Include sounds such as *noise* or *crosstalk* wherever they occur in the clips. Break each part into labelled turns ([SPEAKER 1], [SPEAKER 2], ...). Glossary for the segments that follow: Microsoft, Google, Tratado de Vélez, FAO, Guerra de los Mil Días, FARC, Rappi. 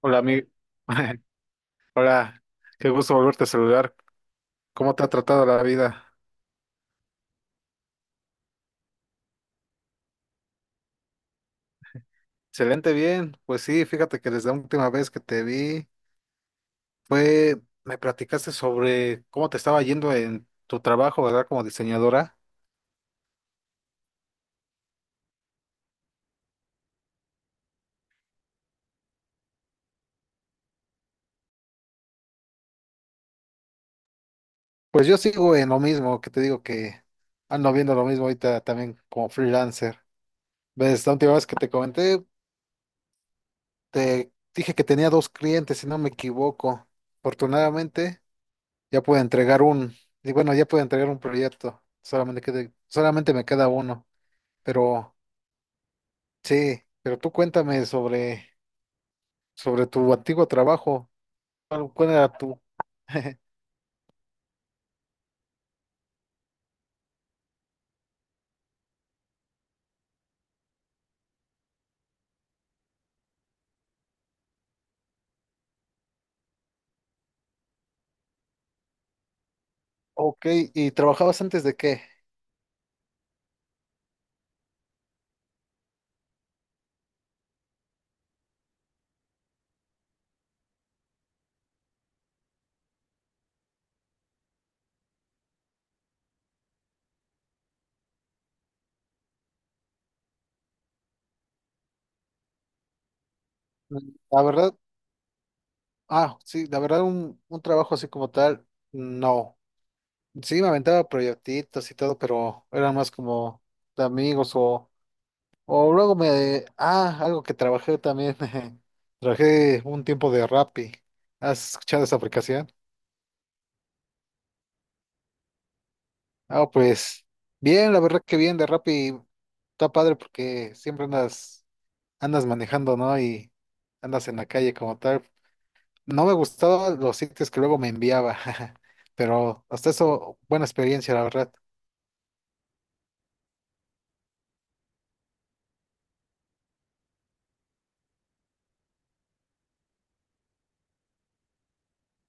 [SPEAKER 1] Hola, amigo. *laughs* Hola, qué gusto volverte a saludar. ¿Cómo te ha tratado la vida? Excelente, bien. Pues sí, fíjate que desde la última vez que te vi fue, me platicaste sobre cómo te estaba yendo en tu trabajo, ¿verdad? Como diseñadora. Pues yo sigo en lo mismo, que te digo que ando viendo lo mismo ahorita también como freelancer. Ves, la última vez que te comenté, te dije que tenía dos clientes, si no me equivoco. Afortunadamente. Ya puedo entregar un, y bueno, ya puedo entregar un proyecto. Solamente me queda uno. Pero sí, pero tú cuéntame sobre tu antiguo trabajo. Cuál era tu? *laughs* Ok, ¿y trabajabas antes de qué? La verdad, sí, la verdad un trabajo así como tal, no. Sí, me aventaba proyectitos y todo, pero eran más como de amigos o luego me... Ah, algo que trabajé también. *laughs* Trabajé un tiempo de Rappi. ¿Has escuchado esa aplicación? Ah, pues bien, la verdad que bien de Rappi. Está padre porque andas manejando, ¿no? Y andas en la calle como tal. No me gustaban los sitios que luego me enviaba, *laughs* pero hasta eso, buena experiencia, la verdad.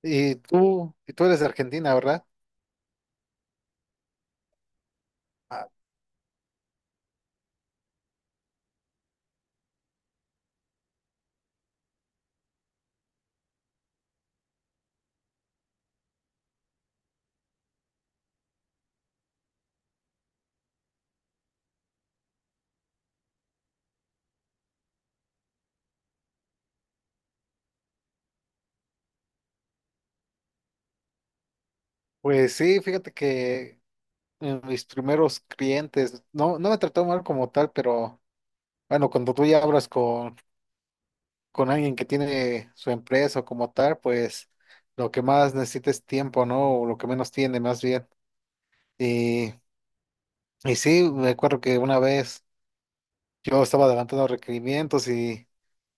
[SPEAKER 1] Y tú eres de Argentina, ¿verdad? Ah, pues sí, fíjate que en mis primeros clientes. No, no me trató mal como tal, pero bueno, cuando tú ya hablas con alguien que tiene su empresa o como tal, pues lo que más necesita es tiempo, ¿no? O lo que menos tiene, más bien. Y, y sí, me acuerdo que una vez yo estaba adelantando requerimientos y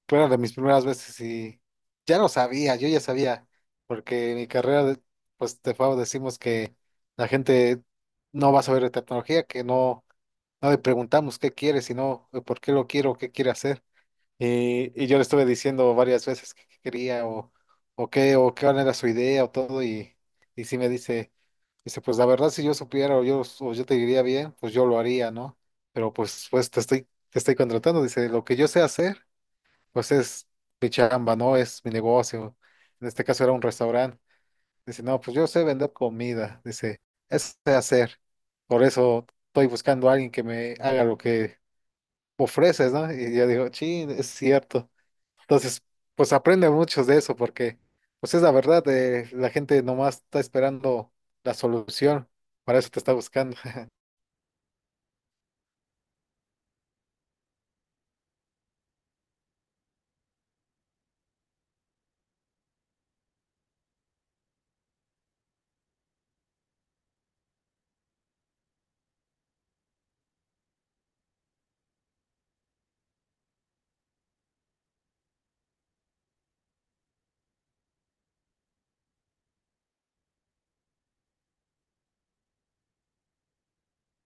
[SPEAKER 1] fueron de mis primeras veces y ya lo sabía, yo ya sabía, porque en mi pues de FAO decimos que la gente no va a saber de tecnología, que no. No le preguntamos qué quiere, sino por qué lo quiero, qué quiere hacer. Y yo le estuve diciendo varias veces qué quería o qué era su idea o todo. Y sí me dice, dice, pues la verdad, si yo supiera o yo te diría bien, pues yo lo haría, ¿no? Pero pues te estoy contratando. Dice, lo que yo sé hacer, pues es mi chamba, ¿no? Es mi negocio. En este caso era un restaurante. Dice, no, pues yo sé vender comida. Dice, eso sé hacer. Por eso estoy buscando a alguien que me haga lo que ofreces, ¿no? Y yo digo, sí, es cierto. Entonces, pues aprende mucho de eso porque, pues es la verdad, la gente nomás está esperando la solución, para eso te está buscando. *laughs*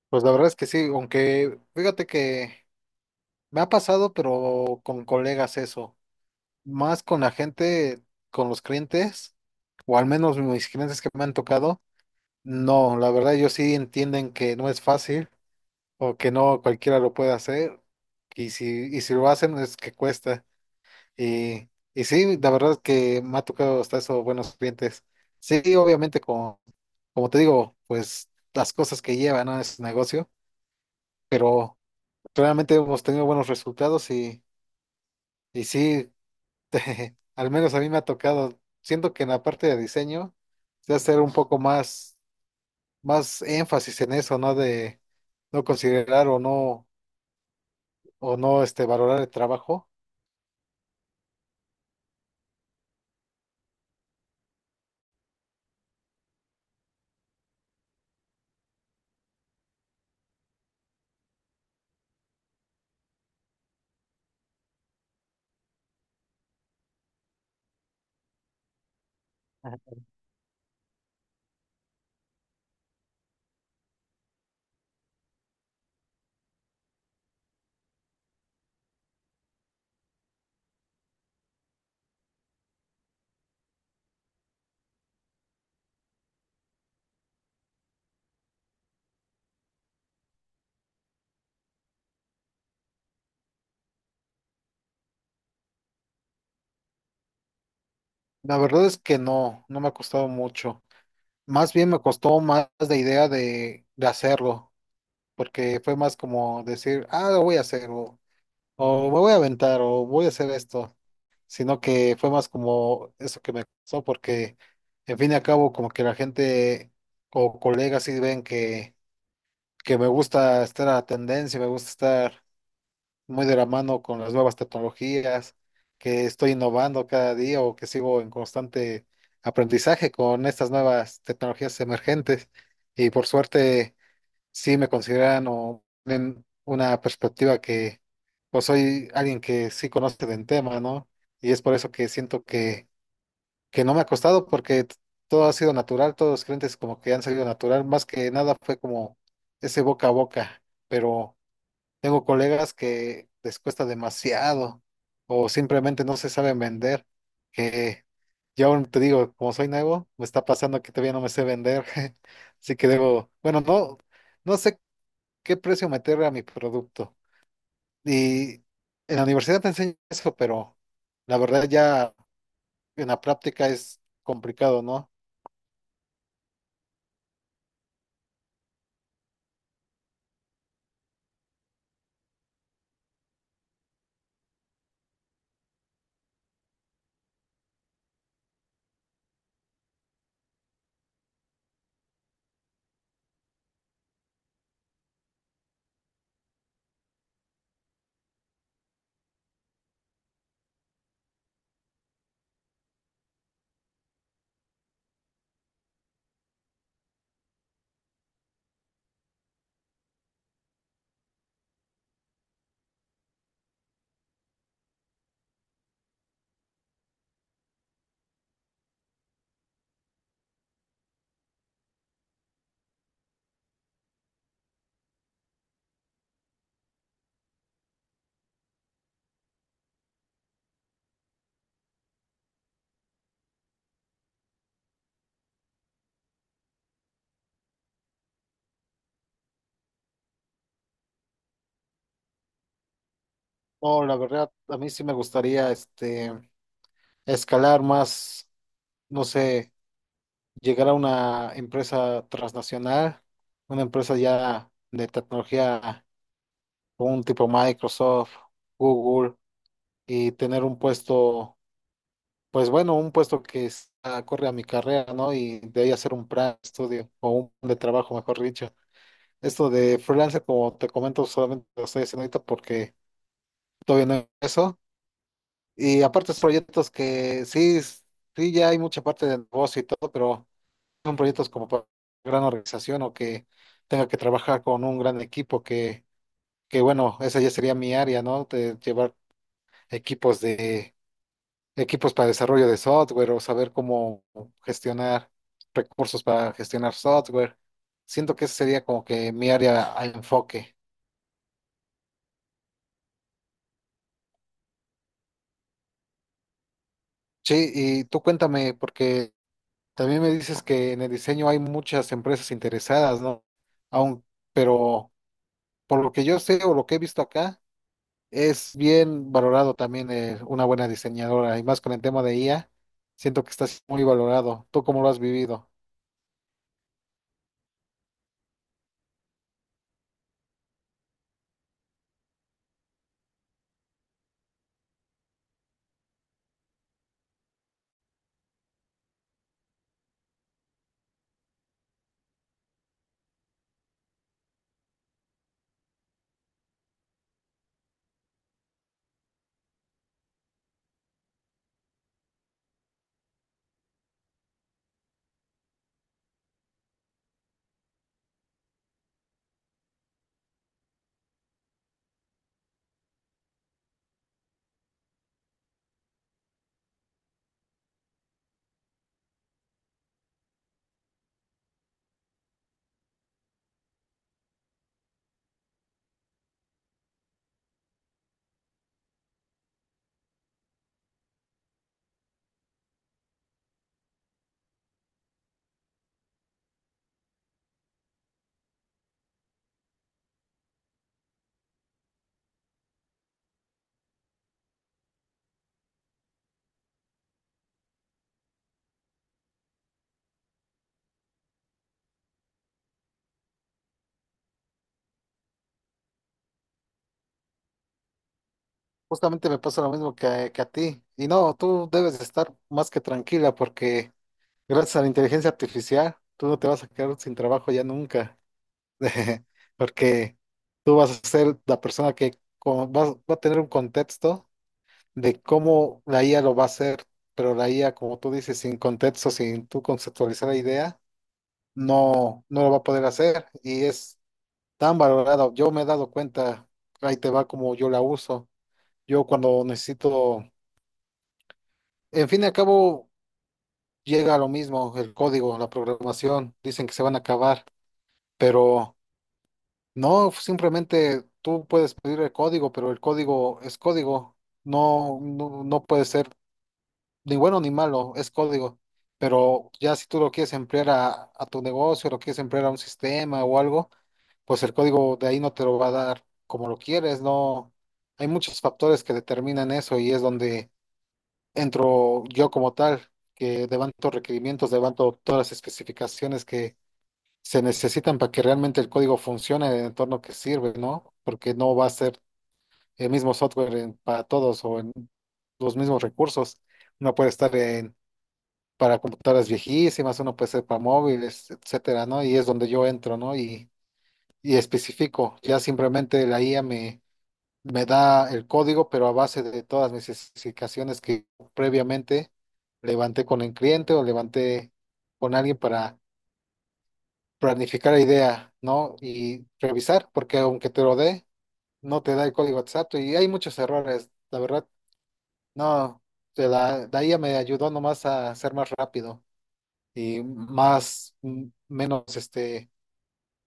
[SPEAKER 1] Pues la verdad es que sí, aunque fíjate que me ha pasado, pero con colegas eso, más con la gente, con los clientes, o al menos mis clientes que me han tocado, no, la verdad ellos sí entienden que no es fácil o que no cualquiera lo puede hacer. Y si, y si lo hacen es que cuesta. Y, y sí, la verdad es que me ha tocado hasta eso buenos clientes. Sí, obviamente, como te digo, pues las cosas que llevan a ese negocio, pero realmente hemos tenido buenos resultados y sí, *laughs* al menos a mí me ha tocado, siento que en la parte de diseño, se hacer un poco más énfasis en eso, ¿no? De no considerar o no este, valorar el trabajo. Ajá. La verdad es que no, no me ha costado mucho. Más bien me costó más la idea de hacerlo, porque fue más como decir, ah, lo voy a hacer, o me voy a aventar, o voy a hacer esto, sino que fue más como eso que me costó, porque en fin y al cabo, como que la gente o colegas sí ven que me gusta estar a la tendencia, me gusta estar muy de la mano con las nuevas tecnologías, que estoy innovando cada día o que sigo en constante aprendizaje con estas nuevas tecnologías emergentes. Y por suerte, sí me consideran o ven una perspectiva que, pues soy alguien que sí conoce del tema, ¿no? Y es por eso que siento que no me ha costado porque todo ha sido natural, todos los clientes como que han salido natural, más que nada fue como ese boca a boca, pero... Tengo colegas que les cuesta demasiado o simplemente no se saben vender, que yo aún te digo, como soy nuevo, me está pasando que todavía no me sé vender, *laughs* así que debo, bueno, no, no sé qué precio meterle a mi producto. Y en la universidad te enseñan eso, pero la verdad ya en la práctica es complicado, ¿no? No, la verdad, a mí sí me gustaría este, escalar más, no sé. Llegar a una empresa transnacional, una empresa ya de tecnología, un tipo Microsoft, Google, y tener un puesto, pues bueno, un puesto corre a mi carrera, ¿no? Y de ahí hacer un plan de estudio o un plan de trabajo, mejor dicho. Esto de freelance, como te comento, solamente lo estoy haciendo ahorita porque todavía no he eso. Y aparte, es proyectos que sí, ya hay mucha parte de negocio y todo, pero. Son proyectos como para gran organización o que tenga que trabajar con un gran equipo que bueno, esa ya sería mi área, ¿no? De llevar equipos de equipos para desarrollo de software o saber cómo gestionar recursos para gestionar software. Siento que esa sería como que mi área a enfoque. Sí, y tú cuéntame, porque también me dices que en el diseño hay muchas empresas interesadas, ¿no? Aún, pero por lo que yo sé o lo que he visto acá, es bien valorado también una buena diseñadora y más con el tema de IA, siento que estás muy valorado. ¿Tú cómo lo has vivido? Justamente me pasa lo mismo a que a ti. Y no, tú debes de estar más que tranquila porque gracias a la inteligencia artificial, tú no te vas a quedar sin trabajo ya nunca. *laughs* Porque tú vas a ser la persona que va a tener un contexto de cómo la IA lo va a hacer, pero la IA, como tú dices, sin contexto, sin tú conceptualizar la idea no, no lo va a poder hacer y es tan valorado. Yo me he dado cuenta, ahí te va como yo la uso. Yo cuando necesito, en fin y al cabo, llega a lo mismo, el código, la programación, dicen que se van a acabar, pero no, simplemente tú puedes pedir el código, pero el código es código, no puede ser ni bueno ni malo, es código. Pero ya si tú lo quieres emplear a tu negocio, lo quieres emplear a un sistema o algo, pues el código de ahí no te lo va a dar como lo quieres, no. Hay muchos factores que determinan eso y es donde entro yo como tal, que levanto requerimientos, levanto todas las especificaciones que se necesitan para que realmente el código funcione en el entorno que sirve, ¿no? Porque no va a ser el mismo para todos o en los mismos recursos. Uno puede estar en, para computadoras viejísimas, uno puede ser para móviles, etcétera, ¿no? Y es donde yo entro, ¿no? Y especifico. Ya simplemente me da el código, pero a base de todas mis especificaciones que previamente levanté con el cliente o levanté con alguien para planificar la idea, ¿no? Y revisar, porque aunque te lo dé, no te da el código exacto y hay muchos errores, la verdad. No, la IA me ayudó nomás a ser más rápido y más, menos,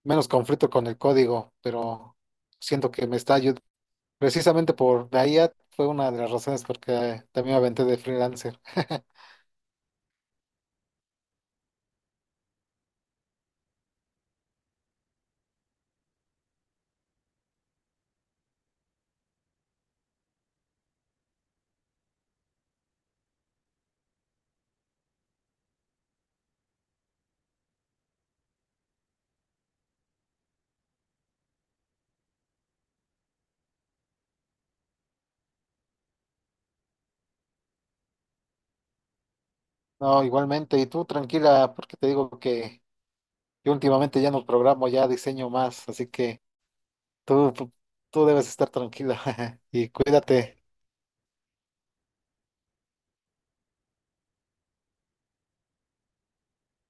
[SPEAKER 1] menos conflicto con el código, pero siento que me está ayudando. Precisamente por la IA fue una de las razones porque también me aventé de freelancer. *laughs* No, igualmente, y tú tranquila, porque te digo que yo últimamente ya no programo, ya diseño más, así que tú, tú, tú debes estar tranquila *laughs* y cuídate.